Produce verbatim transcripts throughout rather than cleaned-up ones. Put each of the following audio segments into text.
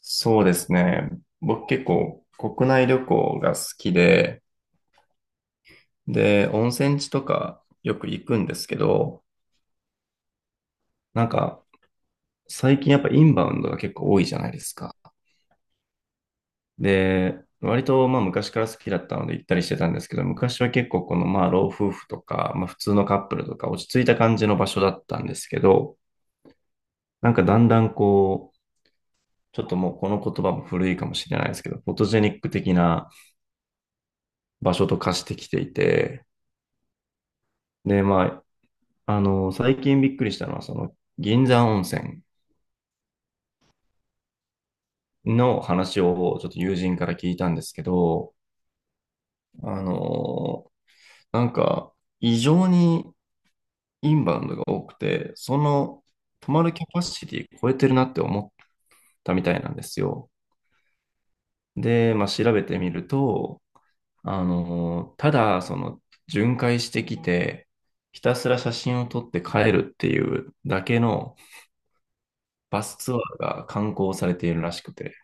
そうですね。僕結構国内旅行が好きで、で、温泉地とかよく行くんですけど、なんか最近やっぱインバウンドが結構多いじゃないですか。で、割とまあ昔から好きだったので行ったりしてたんですけど、昔は結構このまあ老夫婦とか、まあ普通のカップルとか落ち着いた感じの場所だったんですけど、なんかだんだんこう、ちょっともうこの言葉も古いかもしれないですけど、フォトジェニック的な場所と化してきていて、で、まあ、あの、最近びっくりしたのは、その、銀山温泉の話をちょっと友人から聞いたんですけど、あの、なんか、異常にインバウンドが多くて、その、泊まるキャパシティ超えてるなって思ったみたいなんですよ。で、まあ、調べてみると、あの、ただ、その、巡回してきて、ひたすら写真を撮って帰るっていうだけのバスツアーが観光されているらしくて、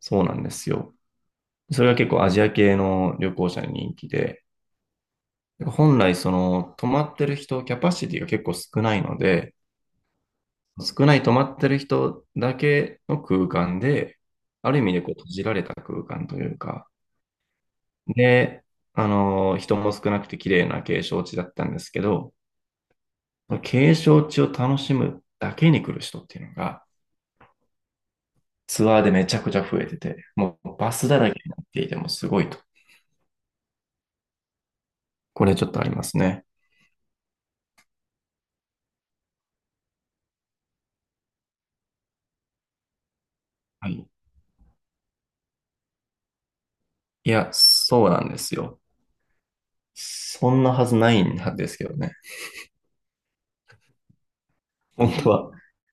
そうなんですよ。それが結構アジア系の旅行者に人気で、本来その泊まってる人、キャパシティが結構少ないので、少ない泊まってる人だけの空間で、ある意味でこう閉じられた空間というか、で、あの、人も少なくて綺麗な景勝地だったんですけど、景勝地を楽しむだけに来る人っていうのが、ツアーでめちゃくちゃ増えてて、もうバスだらけになっていてもすごいと。これちょっとありますね。はい。いや、そうなんですよ。そんなはずないんですけどね。本当は。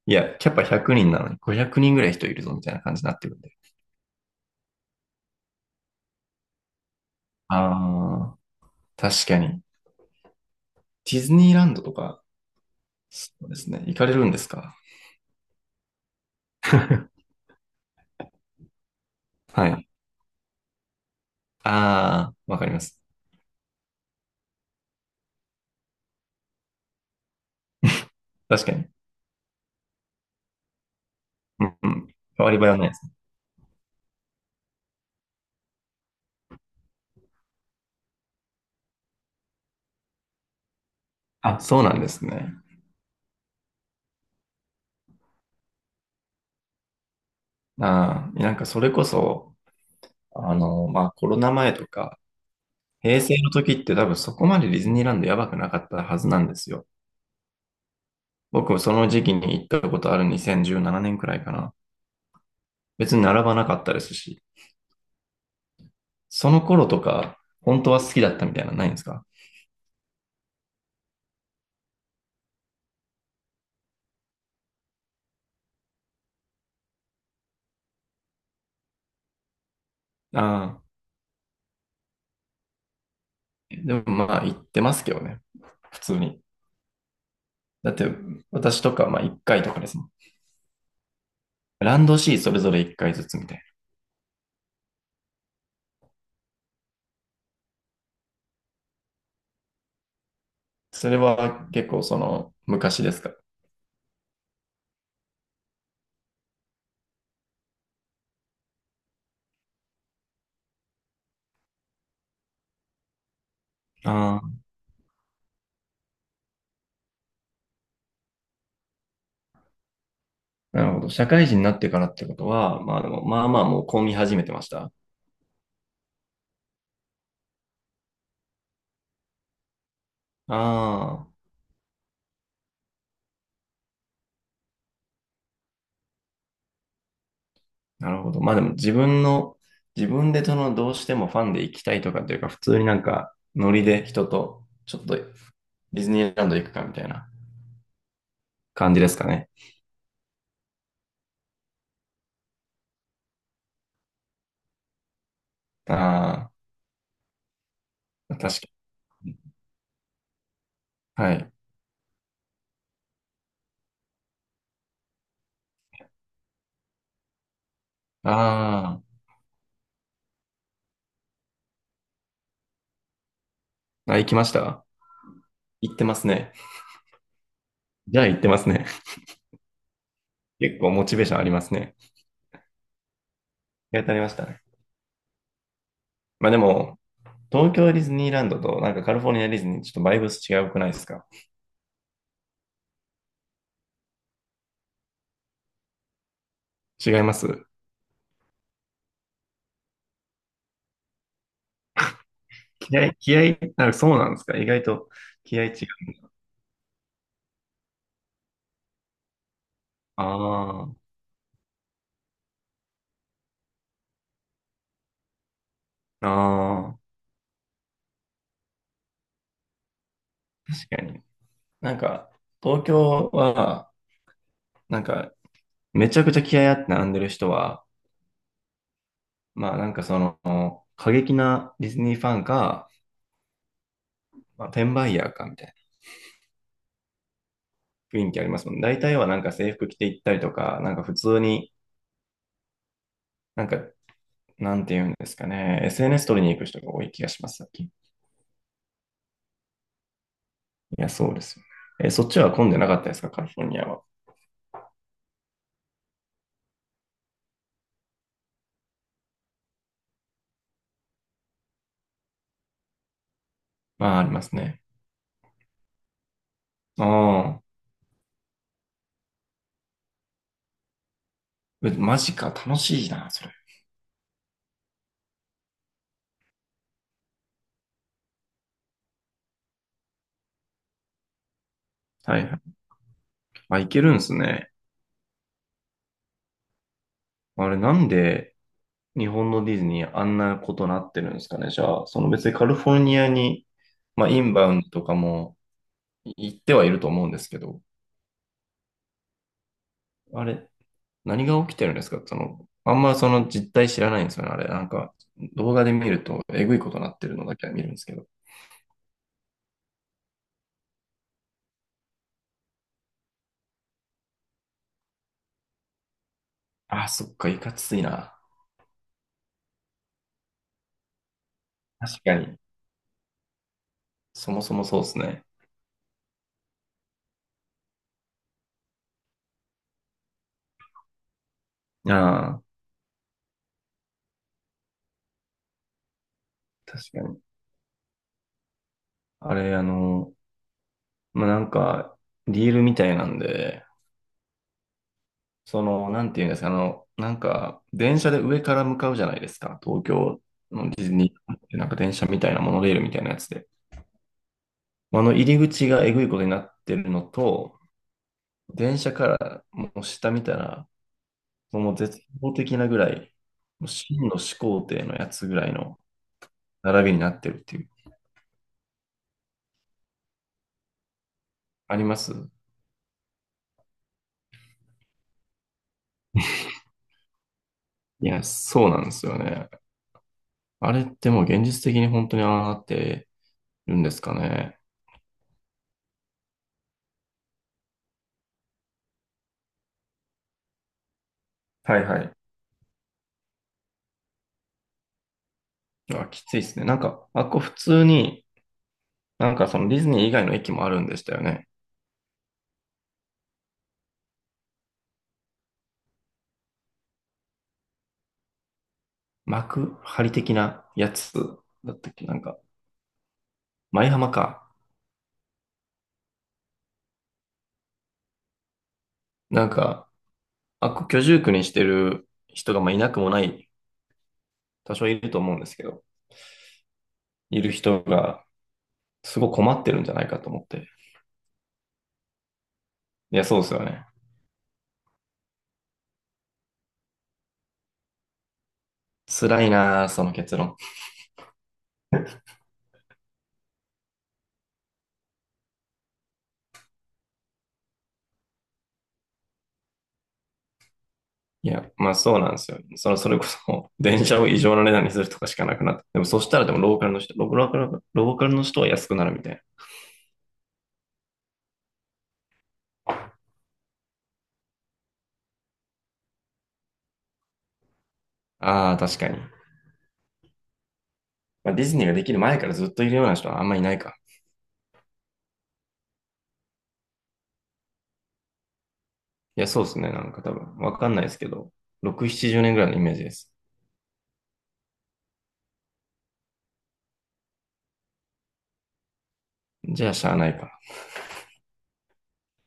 いや、キャパひゃくにんなのにごひゃくにんぐらい人いるぞみたいな感じになってるんで。ああ、確かに。ディズニーランドとか、そうですね。行かれるんですか？ はい。ああ、わかります。確かに。うんうん。変わり映えはないですね。あ、そうなんですね。ああ、なんかそれこそ、あの、まあコロナ前とか、平成の時って多分そこまでディズニーランドやばくなかったはずなんですよ。僕もその時期に行ったことあるにせんじゅうななねんくらいかな。別に並ばなかったですし、その頃とか、本当は好きだったみたいなのないんですか？ああー。でもまあ行ってますけどね。普通に。だって私とかまあいっかいとかですもん。ランドシーそれぞれいっかいずつみたいな。それは結構その昔ですか？ああ、なるほど。社会人になってからってことは、まあでも、まあまあもう混み始めてました。あ、なるほど。まあでも自分の、自分でそのどうしてもファンで行きたいとかっていうか、普通になんかノリで人とちょっとディズニーランド行くかみたいな感じですかね。ああ、確かに。はい。あーあ、行きました行ってますね。じゃあ行ってますね。結構モチベーションありますね。やってありましたね。まあでも、東京ディズニーランドとなんかカリフォルニアディズニーちょっとバイブス違うくないですか？違います？気合い、気合い、あ、そうなんですか？意外と気合い違う。ああ、ああ。確かに。なんか、東京は、なんか、めちゃくちゃ気合いあって並んでる人は、まあなんかその、過激なディズニーファンか、まあ、転売ヤーかみたいな雰囲気ありますもんね。大体はなんか制服着て行ったりとか、なんか普通に、なんか、なんて言うんですかね、エスエヌエス 撮りに行く人が多い気がします、最近。いや、そうですよね。え、そっちは混んでなかったですか、カリフォルニアは。まあ、ありますね。ああ、えマジか、楽しいな、それ。はいはい。あ、行けるんですね。あれ、なんで、日本のディズニーあんなことなってるんですかね。じゃあ、その別にカリフォルニアに、まあ、インバウンドとかも行ってはいると思うんですけど、あれ、何が起きてるんですかその、あんまその実態知らないんですよね。あれ、なんか動画で見るとえぐいことなってるのだけは見るんですけど。ああ、そっか、いかついな。確かに。そもそもそうですね。ああ、確かに。あれ、あの、まあ、なんか、ディールみたいなんで、その、なんていうんですか、あの、なんか、電車で上から向かうじゃないですか。東京のディズニーってなんか電車みたいなモノレールみたいなやつで。あの入り口がえぐいことになってるのと、電車からもう下見たら、もう絶望的なぐらい、もう真の始皇帝のやつぐらいの並びになってるっていう。あります？いや、そうなんですよね。あれってもう現実的に本当にああなってるんですかね。はいはい。あ、きついですね。なんか、あっこ普通に、なんかそのディズニー以外の駅もあるんでしたよね。幕張的なやつだったっけなんか、舞浜か。なんか、あっこ居住区にしてる人がまあいなくもない、多少いると思うんですけど、いる人がすごい困ってるんじゃないかと思って。いや、そうですよね。辛いなあその結論。いや、まあそうなんですよ。その、それこそ、電車を異常な値段にするとかしかなくなって。でもそしたらでもローカルの人、ローカル、ローカルの人は安くなるみたいな。ああ、確かに。まあ、ディズニーができる前からずっといるような人はあんまりいないか。いや、そうですね。なんか多分、わかんないですけど、ろく、ななじゅうねんぐらいのイメージです。じゃあ、しゃあないか。